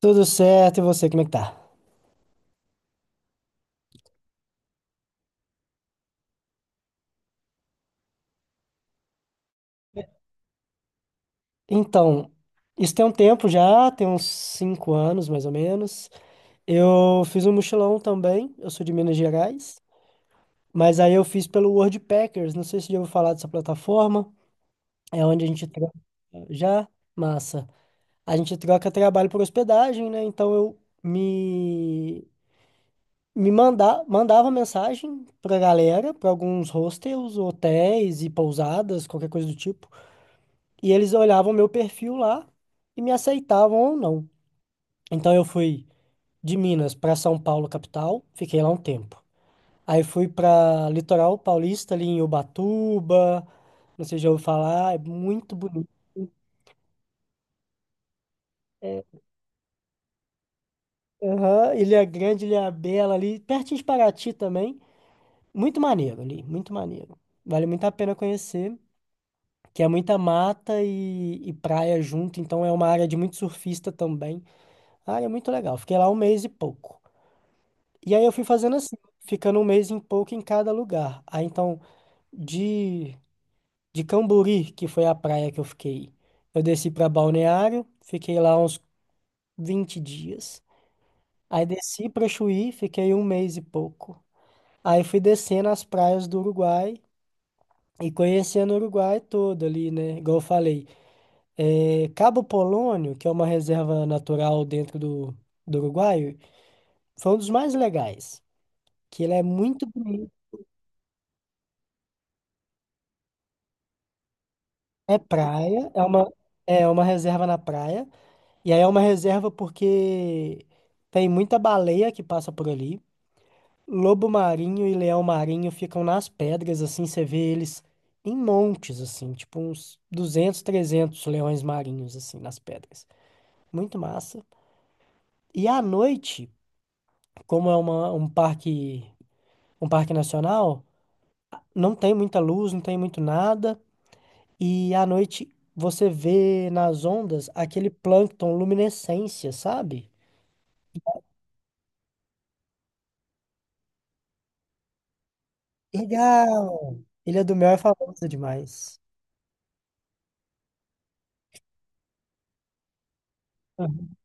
Tudo certo, e você, como é que tá? Então, isso tem um tempo já, tem uns 5 anos mais ou menos. Eu fiz um mochilão também, eu sou de Minas Gerais, mas aí eu fiz pelo Worldpackers, não sei se já ouviu falar dessa plataforma, é onde a gente troca já, massa. A gente troca trabalho por hospedagem, né? Então eu mandava mensagem pra galera, pra alguns hostels, hotéis e pousadas, qualquer coisa do tipo. E eles olhavam meu perfil lá e me aceitavam ou não. Então eu fui de Minas para São Paulo, capital, fiquei lá um tempo. Aí fui para Litoral Paulista, ali em Ubatuba, não sei se já ouviu falar, é muito bonito. É, aham, Ilha Grande, Ilha Bela ali, pertinho de Paraty também. Muito maneiro ali, muito maneiro. Vale muito a pena conhecer, que é muita mata e praia junto, então é uma área de muito surfista também. Ah, é muito legal. Fiquei lá um mês e pouco. E aí eu fui fazendo assim, ficando um mês em pouco em cada lugar. Aí então, de, de Cambori, que foi a praia que eu fiquei, eu desci para Balneário, fiquei lá uns 20 dias. Aí desci para Chuí, fiquei um mês e pouco. Aí fui descendo as praias do Uruguai e conhecendo o Uruguai todo ali, né? Igual eu falei, é, Cabo Polônio, que é uma reserva natural dentro do Uruguai, foi um dos mais legais, que ele é muito bonito. É praia, é uma reserva na praia. E aí é uma reserva porque tem muita baleia que passa por ali. Lobo marinho e leão marinho ficam nas pedras, assim, você vê eles em montes, assim, tipo uns 200, 300 leões marinhos, assim, nas pedras. Muito massa. E à noite, como um parque nacional, não tem muita luz, não tem muito nada. E à noite você vê nas ondas aquele plâncton luminescência, sabe? Legal! Ele é do Mel é famosa demais. Aham.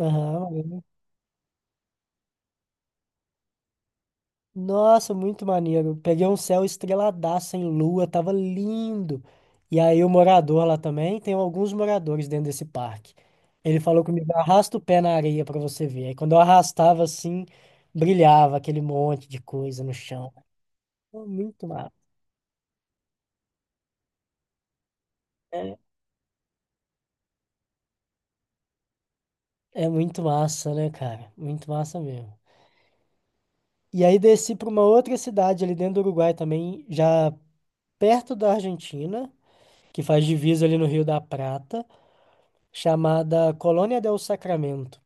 Aham. Nossa, muito maneiro. Peguei um céu estreladaço em lua, tava lindo. E aí o morador lá também, tem alguns moradores dentro desse parque. Ele falou comigo, arrasta o pé na areia pra você ver. Aí quando eu arrastava assim, brilhava aquele monte de coisa no chão. Pô, muito massa. É. É muito massa, né, cara? Muito massa mesmo. E aí desci para uma outra cidade ali dentro do Uruguai também, já perto da Argentina, que faz divisa ali no Rio da Prata, chamada Colônia del Sacramento.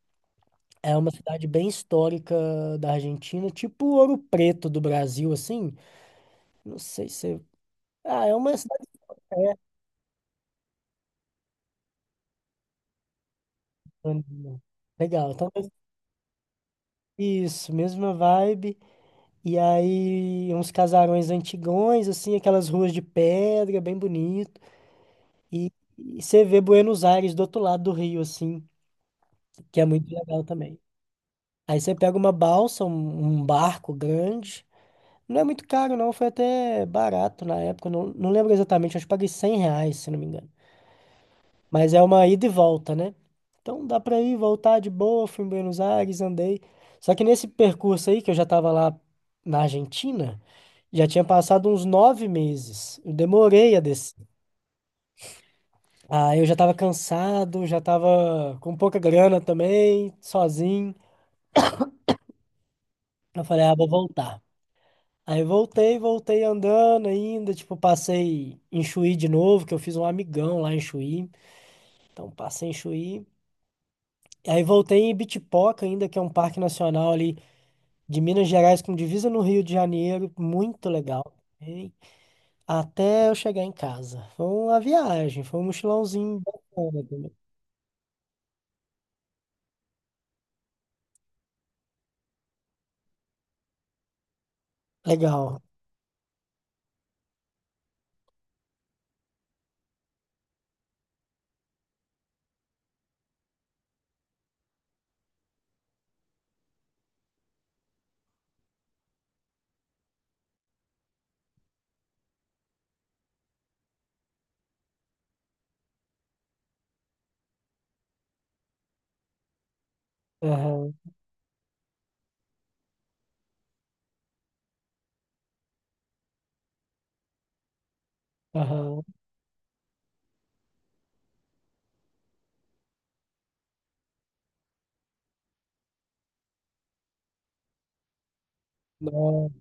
É uma cidade bem histórica da Argentina, tipo Ouro Preto do Brasil, assim. Não sei se... é, ah, é uma cidade grande, né? Legal, então isso, mesma vibe. E aí uns casarões antigões, assim, aquelas ruas de pedra, bem bonito. E, e você vê Buenos Aires do outro lado do rio, assim, que é muito legal também. Aí você pega uma balsa, um barco grande. Não é muito caro, não. Foi até barato na época. Não, não lembro exatamente, acho que paguei R$ 100, se não me engano. Mas é uma ida e volta, né? Então dá pra ir, voltar de boa. Fui em Buenos Aires, andei. Só que nesse percurso aí, que eu já tava lá na Argentina, já tinha passado uns 9 meses. Eu demorei a descer. Aí eu já tava cansado, já tava com pouca grana também, sozinho. Eu falei, ah, vou voltar. Aí voltei, voltei andando ainda, tipo, passei em Chuí de novo, que eu fiz um amigão lá em Chuí. Então passei em Chuí. Aí voltei em Ibitipoca ainda, que é um parque nacional ali de Minas Gerais com divisa no Rio de Janeiro, muito legal. Hein? Até eu chegar em casa. Foi uma viagem, foi um mochilãozinho bacana também. Legal. Aham, aham. Nossa.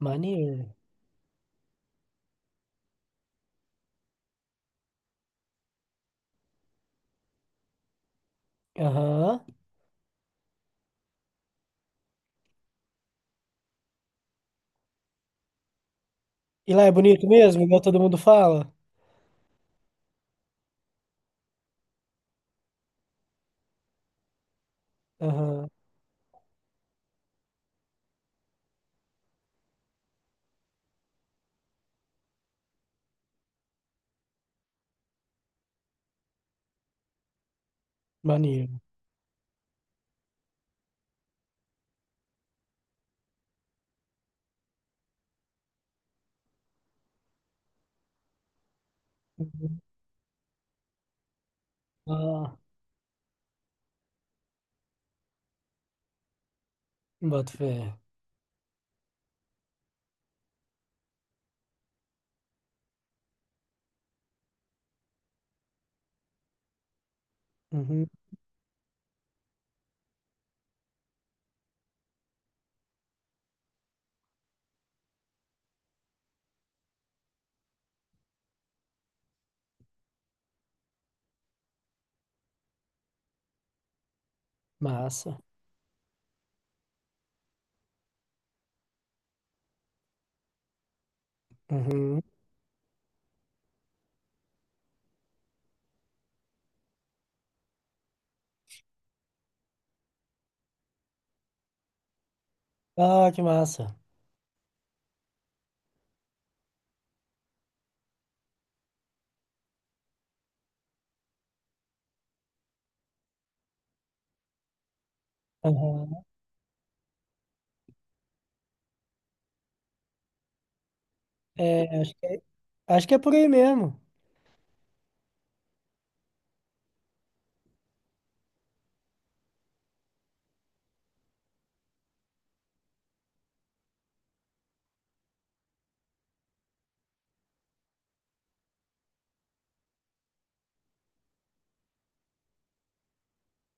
Maneiro. Aham. E lá é bonito mesmo, igual todo mundo fala? Aham. Maneiro. Uhum. Ah, boto fé. Uhum. Massa. Uhum. Ah, que massa. Aham. É, acho que é por aí mesmo.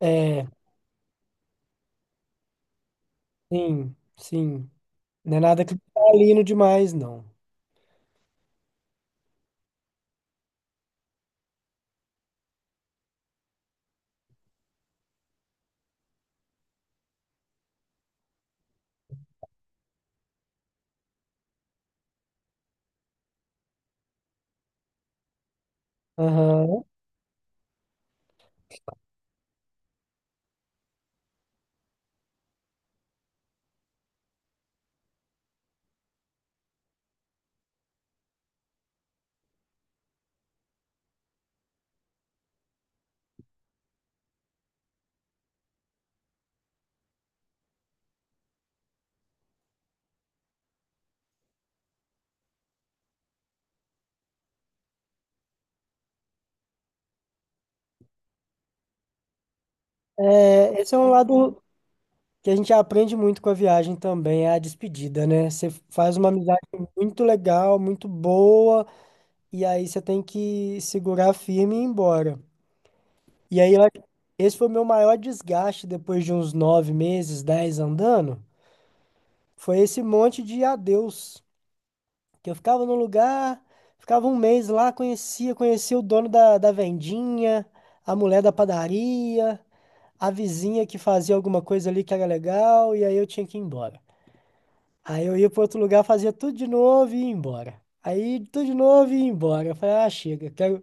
É, sim, sim. Não é nada cristalino demais, não. Aham. É, esse é um lado que a gente aprende muito com a viagem também, é a despedida, né? Você faz uma amizade muito legal, muito boa. E aí você tem que segurar firme e ir embora. E aí, esse foi o meu maior desgaste depois de uns 9 meses, dez andando. Foi esse monte de adeus. Que eu ficava no lugar, ficava um mês lá, conhecia o dono da vendinha, a mulher da padaria, a vizinha que fazia alguma coisa ali que era legal, e aí eu tinha que ir embora. Aí eu ia para outro lugar, fazia tudo de novo e ia embora. Aí tudo de novo e ia embora. Eu falei, ah, chega, quero.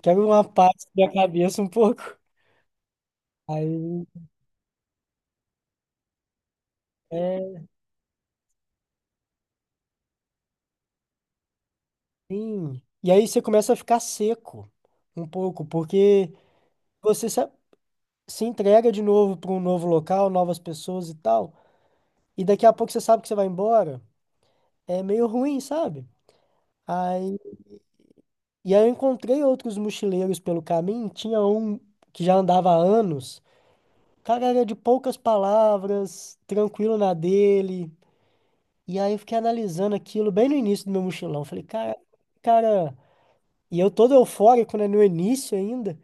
Quebra uma parte da minha cabeça um pouco. Aí é. Sim. E aí você começa a ficar seco um pouco, porque você se entrega de novo para um novo local, novas pessoas e tal. E daqui a pouco você sabe que você vai embora. É meio ruim, sabe? Aí, e aí eu encontrei outros mochileiros pelo caminho. Tinha um que já andava há anos. O cara era de poucas palavras, tranquilo na dele. E aí eu fiquei analisando aquilo bem no início do meu mochilão. Falei, cara, cara. E eu todo eufórico, né? No início ainda.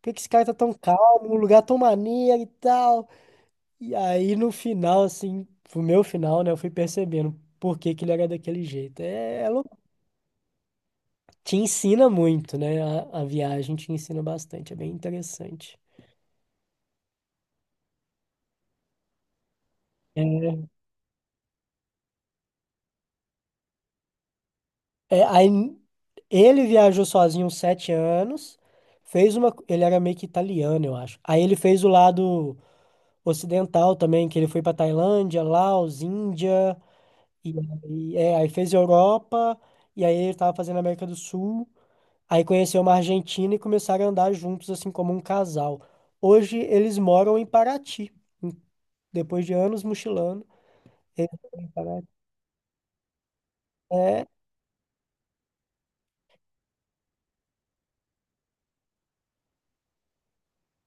Por que que esse cara tá tão calmo? Um lugar tão maneiro e tal. E aí no final, assim, pro meu final, né? Eu fui percebendo por que que ele era daquele jeito. É, é louco. Te ensina muito, né? A viagem te ensina bastante. É bem interessante. É, aí ele viajou sozinho uns 7 anos. Fez uma. Ele era meio que italiano, eu acho. Aí ele fez o lado ocidental também, que ele foi pra Tailândia, Laos, Índia. E aí, aí fez Europa, e aí ele tava fazendo América do Sul, aí conheceu uma Argentina e começaram a andar juntos, assim, como um casal. Hoje eles moram em Paraty, em- depois de anos mochilando. Eles moram em Paraty. É,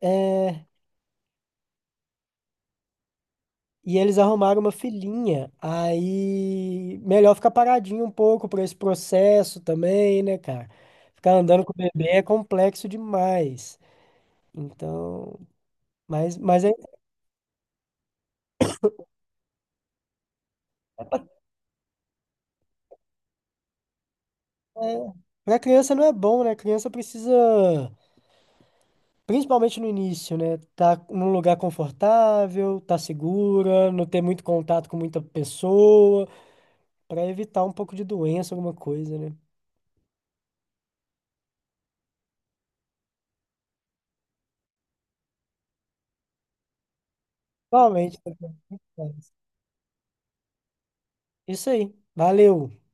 é, e eles arrumaram uma filhinha, aí melhor ficar paradinho um pouco para esse processo também, né, cara? Ficar andando com o bebê é complexo demais. Então, mas é. É, para criança não é bom, né? Criança precisa, principalmente no início, né? Tá num lugar confortável, tá segura, não ter muito contato com muita pessoa, para evitar um pouco de doença, alguma coisa, né? Realmente. Isso aí. Valeu.